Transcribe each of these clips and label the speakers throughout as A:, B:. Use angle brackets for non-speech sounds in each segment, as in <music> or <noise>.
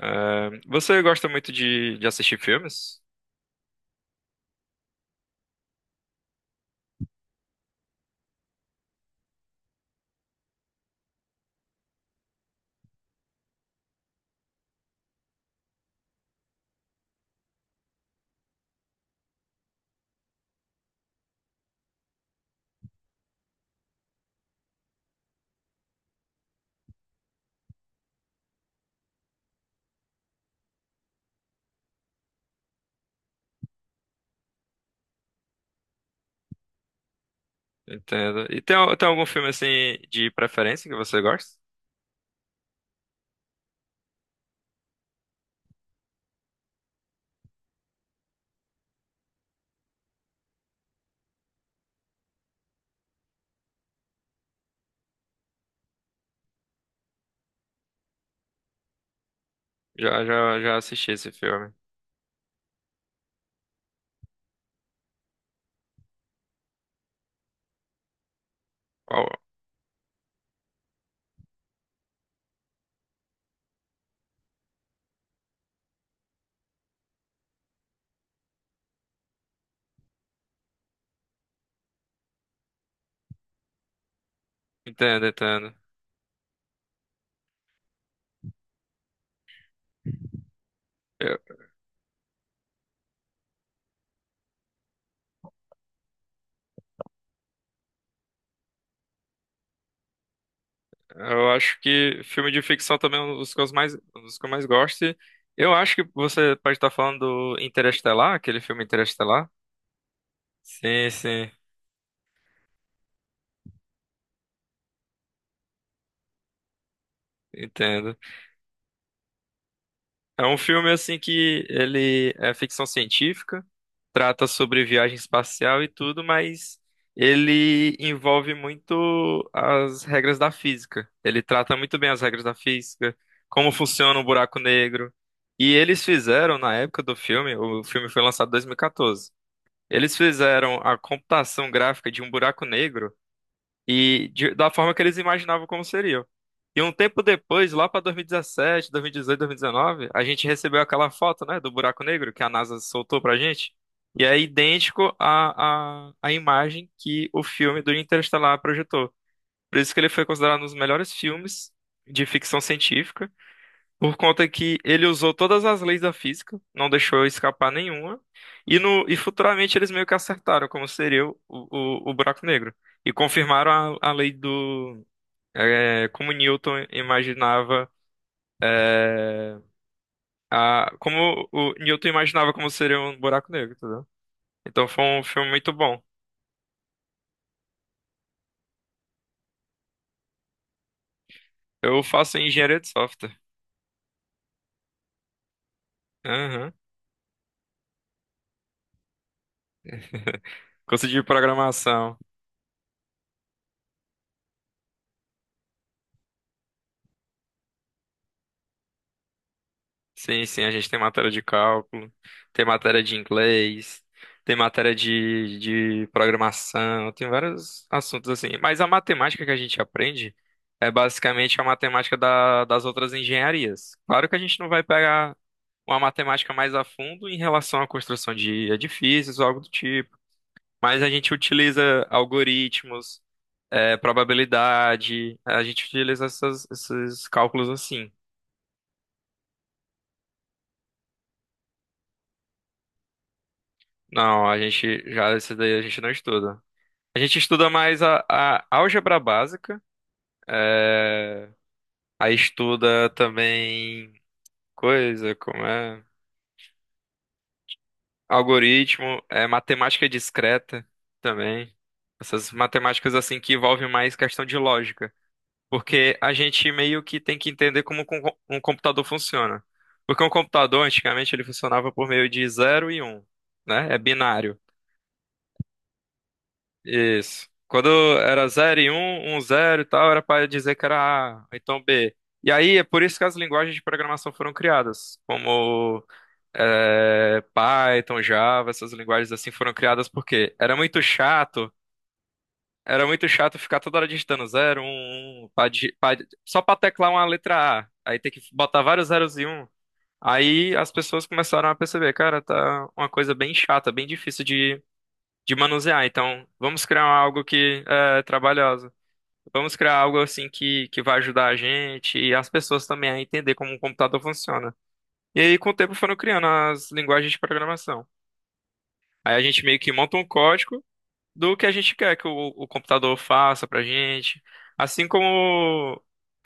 A: É, você gosta muito de assistir filmes? Entendo. E tem, tem algum filme assim de preferência que você gosta? Já assisti esse filme. Qual? Entendo. Eu, eu acho que filme de ficção também é um dos que eu mais, um dos que eu mais gosto. E eu acho que você pode estar falando do Interestelar, aquele filme Interestelar. Sim, sim, Entendo. É um filme assim que ele é ficção científica, trata sobre viagem espacial e tudo, mas ele envolve muito as regras da física. Ele trata muito bem as regras da física, como funciona um buraco negro. E eles fizeram na época do filme, o filme foi lançado em 2014. Eles fizeram a computação gráfica de um buraco negro e da forma que eles imaginavam como seriam. E um tempo depois, lá para 2017, 2018, 2019, a gente recebeu aquela foto, né, do buraco negro que a NASA soltou pra gente. E é idêntico à imagem que o filme do Interestelar projetou. Por isso que ele foi considerado um dos melhores filmes de ficção científica. Por conta que ele usou todas as leis da física, não deixou escapar nenhuma, e, no, e futuramente eles meio que acertaram como seria o buraco negro. E confirmaram a lei do. Como Newton imaginava. Como o Newton imaginava como seria um buraco negro, entendeu? Então foi um filme muito bom. Eu faço engenharia de software. Aham. <laughs> Curso de programação. Sim, a gente tem matéria de cálculo, tem matéria de inglês, tem matéria de programação, tem vários assuntos assim. Mas a matemática que a gente aprende é basicamente a matemática das outras engenharias. Claro que a gente não vai pegar uma matemática mais a fundo em relação à construção de edifícios ou algo do tipo, mas a gente utiliza algoritmos, probabilidade, a gente utiliza esses cálculos assim. Não, a gente já, esse daí a gente não estuda. A gente estuda mais a álgebra básica, é, aí estuda também coisa como é algoritmo, é matemática discreta também. Essas matemáticas assim que envolvem mais questão de lógica, porque a gente meio que tem que entender como um computador funciona. Porque um computador antigamente ele funcionava por meio de zero e um, né? É binário. Isso. Quando era zero, e um 1, 0 e tal, era para dizer que era A, então B. E aí, é por isso que as linguagens de programação foram criadas, como Python, Java, essas linguagens assim foram criadas porque era muito chato ficar toda hora digitando zero, um, 1, pra só para teclar uma letra A, aí tem que botar vários zeros e um. Aí as pessoas começaram a perceber, cara, tá uma coisa bem chata, bem difícil de manusear. Então, vamos criar algo que é trabalhoso. Vamos criar algo assim que vai ajudar a gente e as pessoas também a entender como um computador funciona. E aí, com o tempo, foram criando as linguagens de programação. Aí a gente meio que monta um código do que a gente quer que o computador faça pra gente. Assim como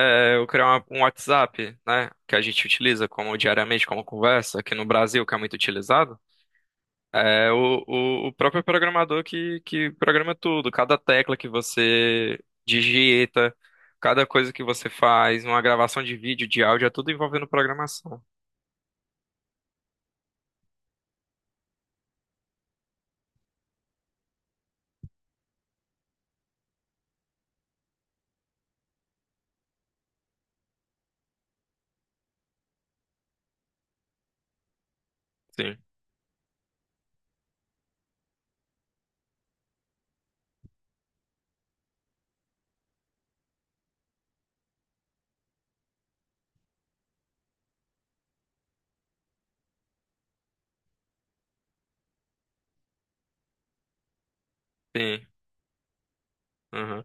A: eu criar um WhatsApp, né, que a gente utiliza como diariamente, como conversa, aqui no Brasil, que é muito utilizado. É o próprio programador que programa tudo, cada tecla que você digita, cada coisa que você faz, uma gravação de vídeo, de áudio, é tudo envolvendo programação. Sim, sim, uhum,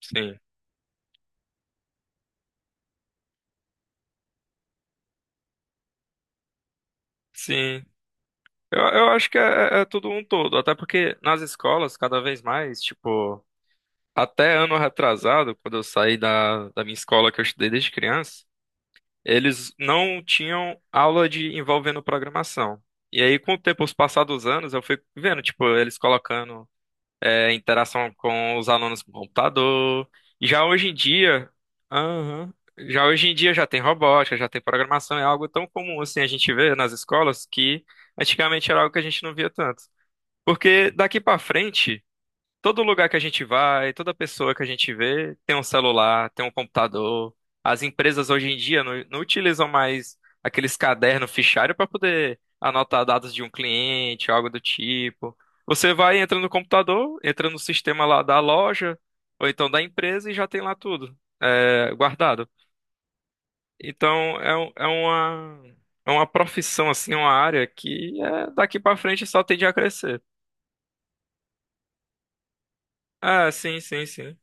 A: sim, sim. Eu acho que é tudo um todo, até porque nas escolas, cada vez mais, tipo, até ano retrasado, quando eu saí da minha escola que eu estudei desde criança, eles não tinham aula de envolvendo programação. E aí, com o tempo, os passados anos, eu fui vendo, tipo, eles colocando interação com os alunos com computador. E já hoje em dia, aham, já hoje em dia já tem robótica, já tem programação, é algo tão comum assim a gente vê nas escolas que antigamente era algo que a gente não via tanto. Porque daqui para frente todo lugar que a gente vai, toda pessoa que a gente vê tem um celular, tem um computador. As empresas hoje em dia não utilizam mais aqueles cadernos fichário para poder anotar dados de um cliente, algo do tipo. Você vai, entra no computador, entra no sistema lá da loja, ou então da empresa e já tem lá tudo, guardado. Então uma, é uma profissão, assim, uma área que é, daqui para frente só tende a crescer. Ah, sim.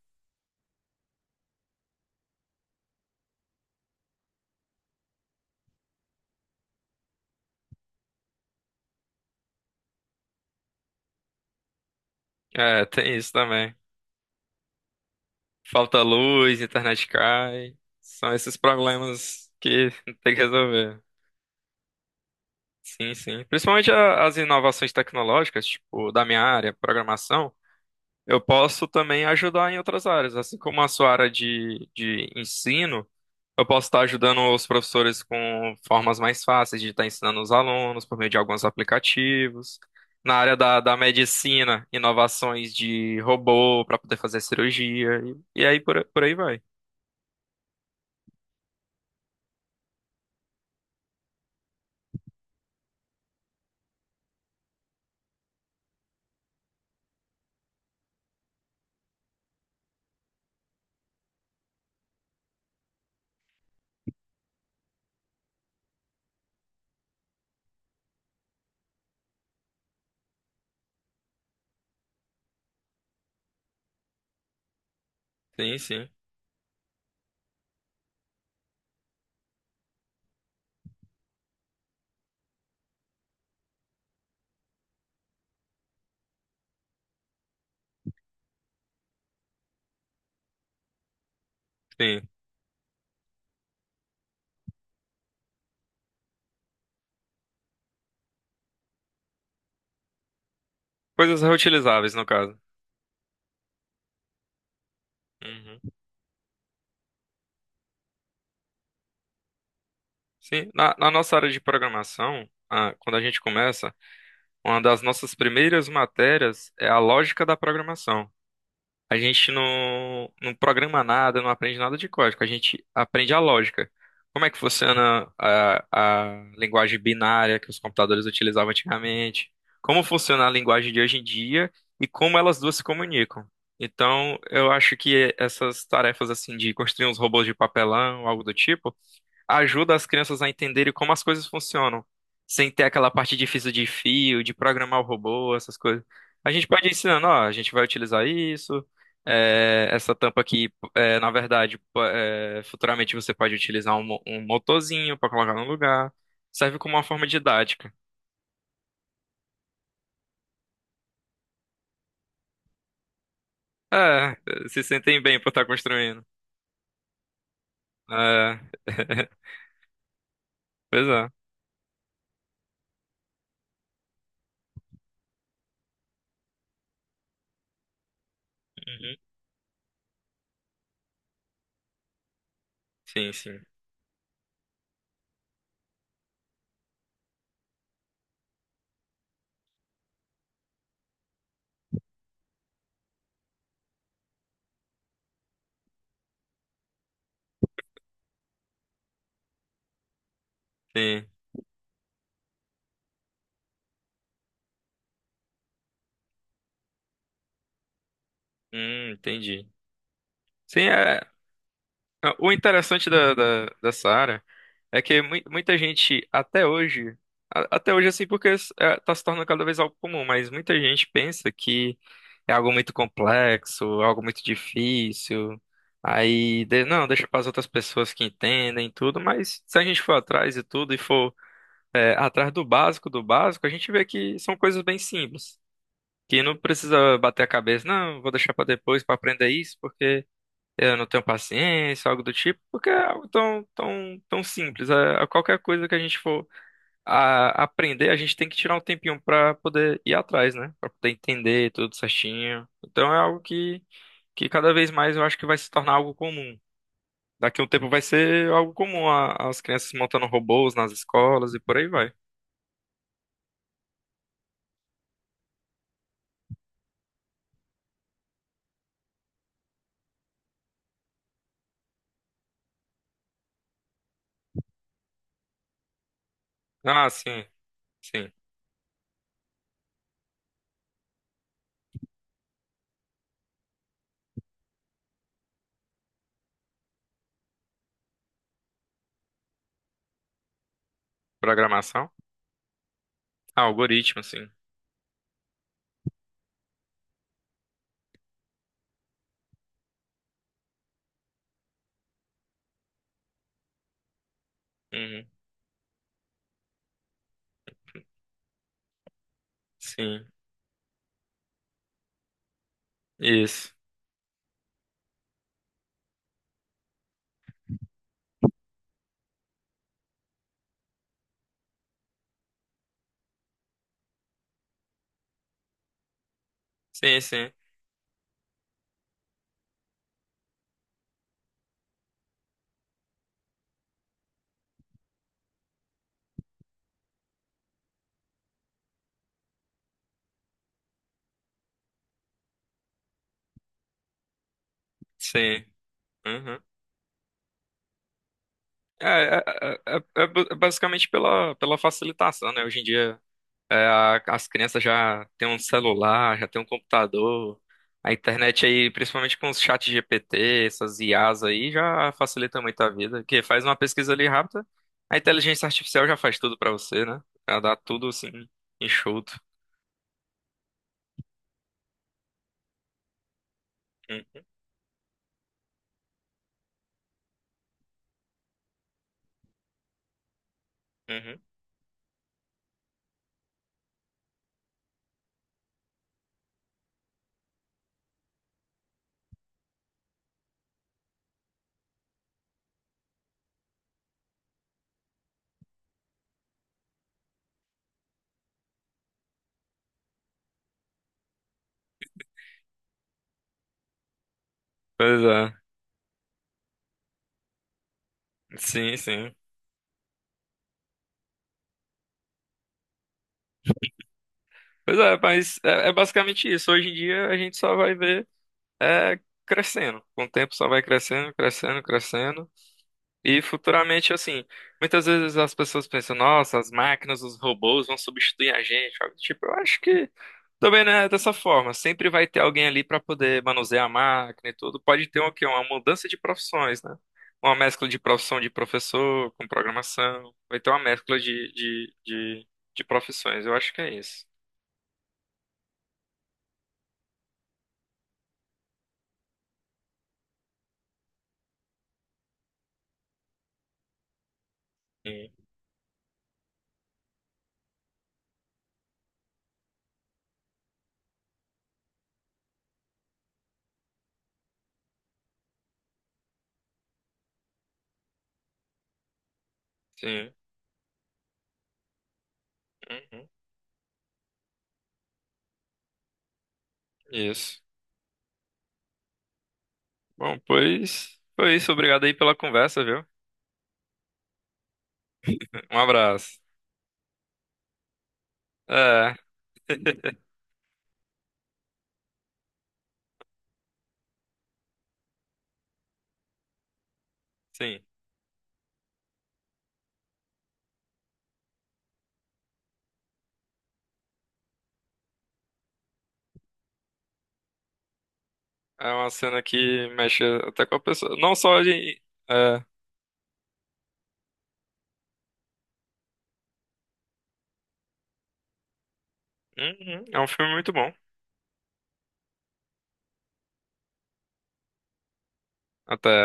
A: É, tem isso também. Falta luz, internet cai. São esses problemas que <laughs> tem que resolver. Sim, sim. Principalmente as inovações tecnológicas, tipo, da minha área, programação, eu posso também ajudar em outras áreas. Assim como a sua área de ensino, eu posso estar ajudando os professores com formas mais fáceis de estar ensinando os alunos por meio de alguns aplicativos. Na área da medicina, inovações de robô para poder fazer cirurgia, e aí por aí vai. Sim, sim. Sim. Coisas reutilizáveis, no caso. Uhum. Sim. Na nossa área de programação, ah, quando a gente começa, uma das nossas primeiras matérias é a lógica da programação. A gente não programa nada, não aprende nada de código, a gente aprende a lógica. Como é que funciona a linguagem binária que os computadores utilizavam antigamente? Como funciona a linguagem de hoje em dia e como elas duas se comunicam? Então, eu acho que essas tarefas assim de construir uns robôs de papelão, algo do tipo, ajuda as crianças a entenderem como as coisas funcionam, sem ter aquela parte difícil de fio, de programar o robô, essas coisas. A gente pode ir ensinando, ó, a gente vai utilizar isso, essa tampa aqui, é, na verdade, futuramente você pode utilizar um, um motorzinho para colocar no lugar. Serve como uma forma didática. É, se sentem bem por estar construindo. É, <laughs> pois é. Uhum. Sim, sim, sim. Entendi. Sim, é. Ah, o interessante dessa área é que muita gente até hoje, até hoje assim, porque está se tornando cada vez algo comum, mas muita gente pensa que é algo muito complexo, algo muito difícil. Aí, não, deixa para as outras pessoas que entendem tudo, mas se a gente for atrás e tudo e for atrás do básico, a gente vê que são coisas bem simples, que não precisa bater a cabeça, não, vou deixar para depois para aprender isso, porque eu não tenho paciência, algo do tipo, porque é algo tão, tão, tão simples. É, é qualquer coisa que a gente for aprender, a gente tem que tirar um tempinho pra poder ir atrás, né? Pra poder entender tudo certinho. Então é algo que cada vez mais eu acho que vai se tornar algo comum. Daqui a um tempo vai ser algo comum as crianças montando robôs nas escolas e por aí vai. Ah, sim, sim. Programação? Ah, algoritmo, sim. Uhum, sim. Isso. Sim, sim, sim. Uhum. É, é, é basicamente pela facilitação, né? Hoje em dia, as crianças já têm um celular, já têm um computador, a internet aí, principalmente com os chats GPT, essas IAs aí, já facilita muito a vida. Porque faz uma pesquisa ali rápida, a inteligência artificial já faz tudo pra você, né? Já dá tudo assim, enxuto. Hum, uhum. Pois é, sim, sim. Pois é, mas é, é basicamente isso. Hoje em dia a gente só vai ver. é Crescendo. Com o tempo só vai crescendo, crescendo, crescendo. E futuramente, assim, muitas vezes as pessoas pensam, nossa, as máquinas, os robôs vão substituir a gente. Sabe? Tipo, eu acho que também não é dessa forma. Sempre vai ter alguém ali para poder manusear a máquina e tudo. Pode ter o quê? Uma mudança de profissões, né? Uma mescla de profissão de professor com programação. Vai ter uma mescla de profissões. Eu acho que é isso. Sim. Sim. Uhum. Isso. Bom, pois foi isso. Obrigado aí pela conversa, viu? Um abraço. É, <laughs> sim. É uma cena que mexe até com a pessoa. Não só de. É, uhum, é um filme muito bom. Até.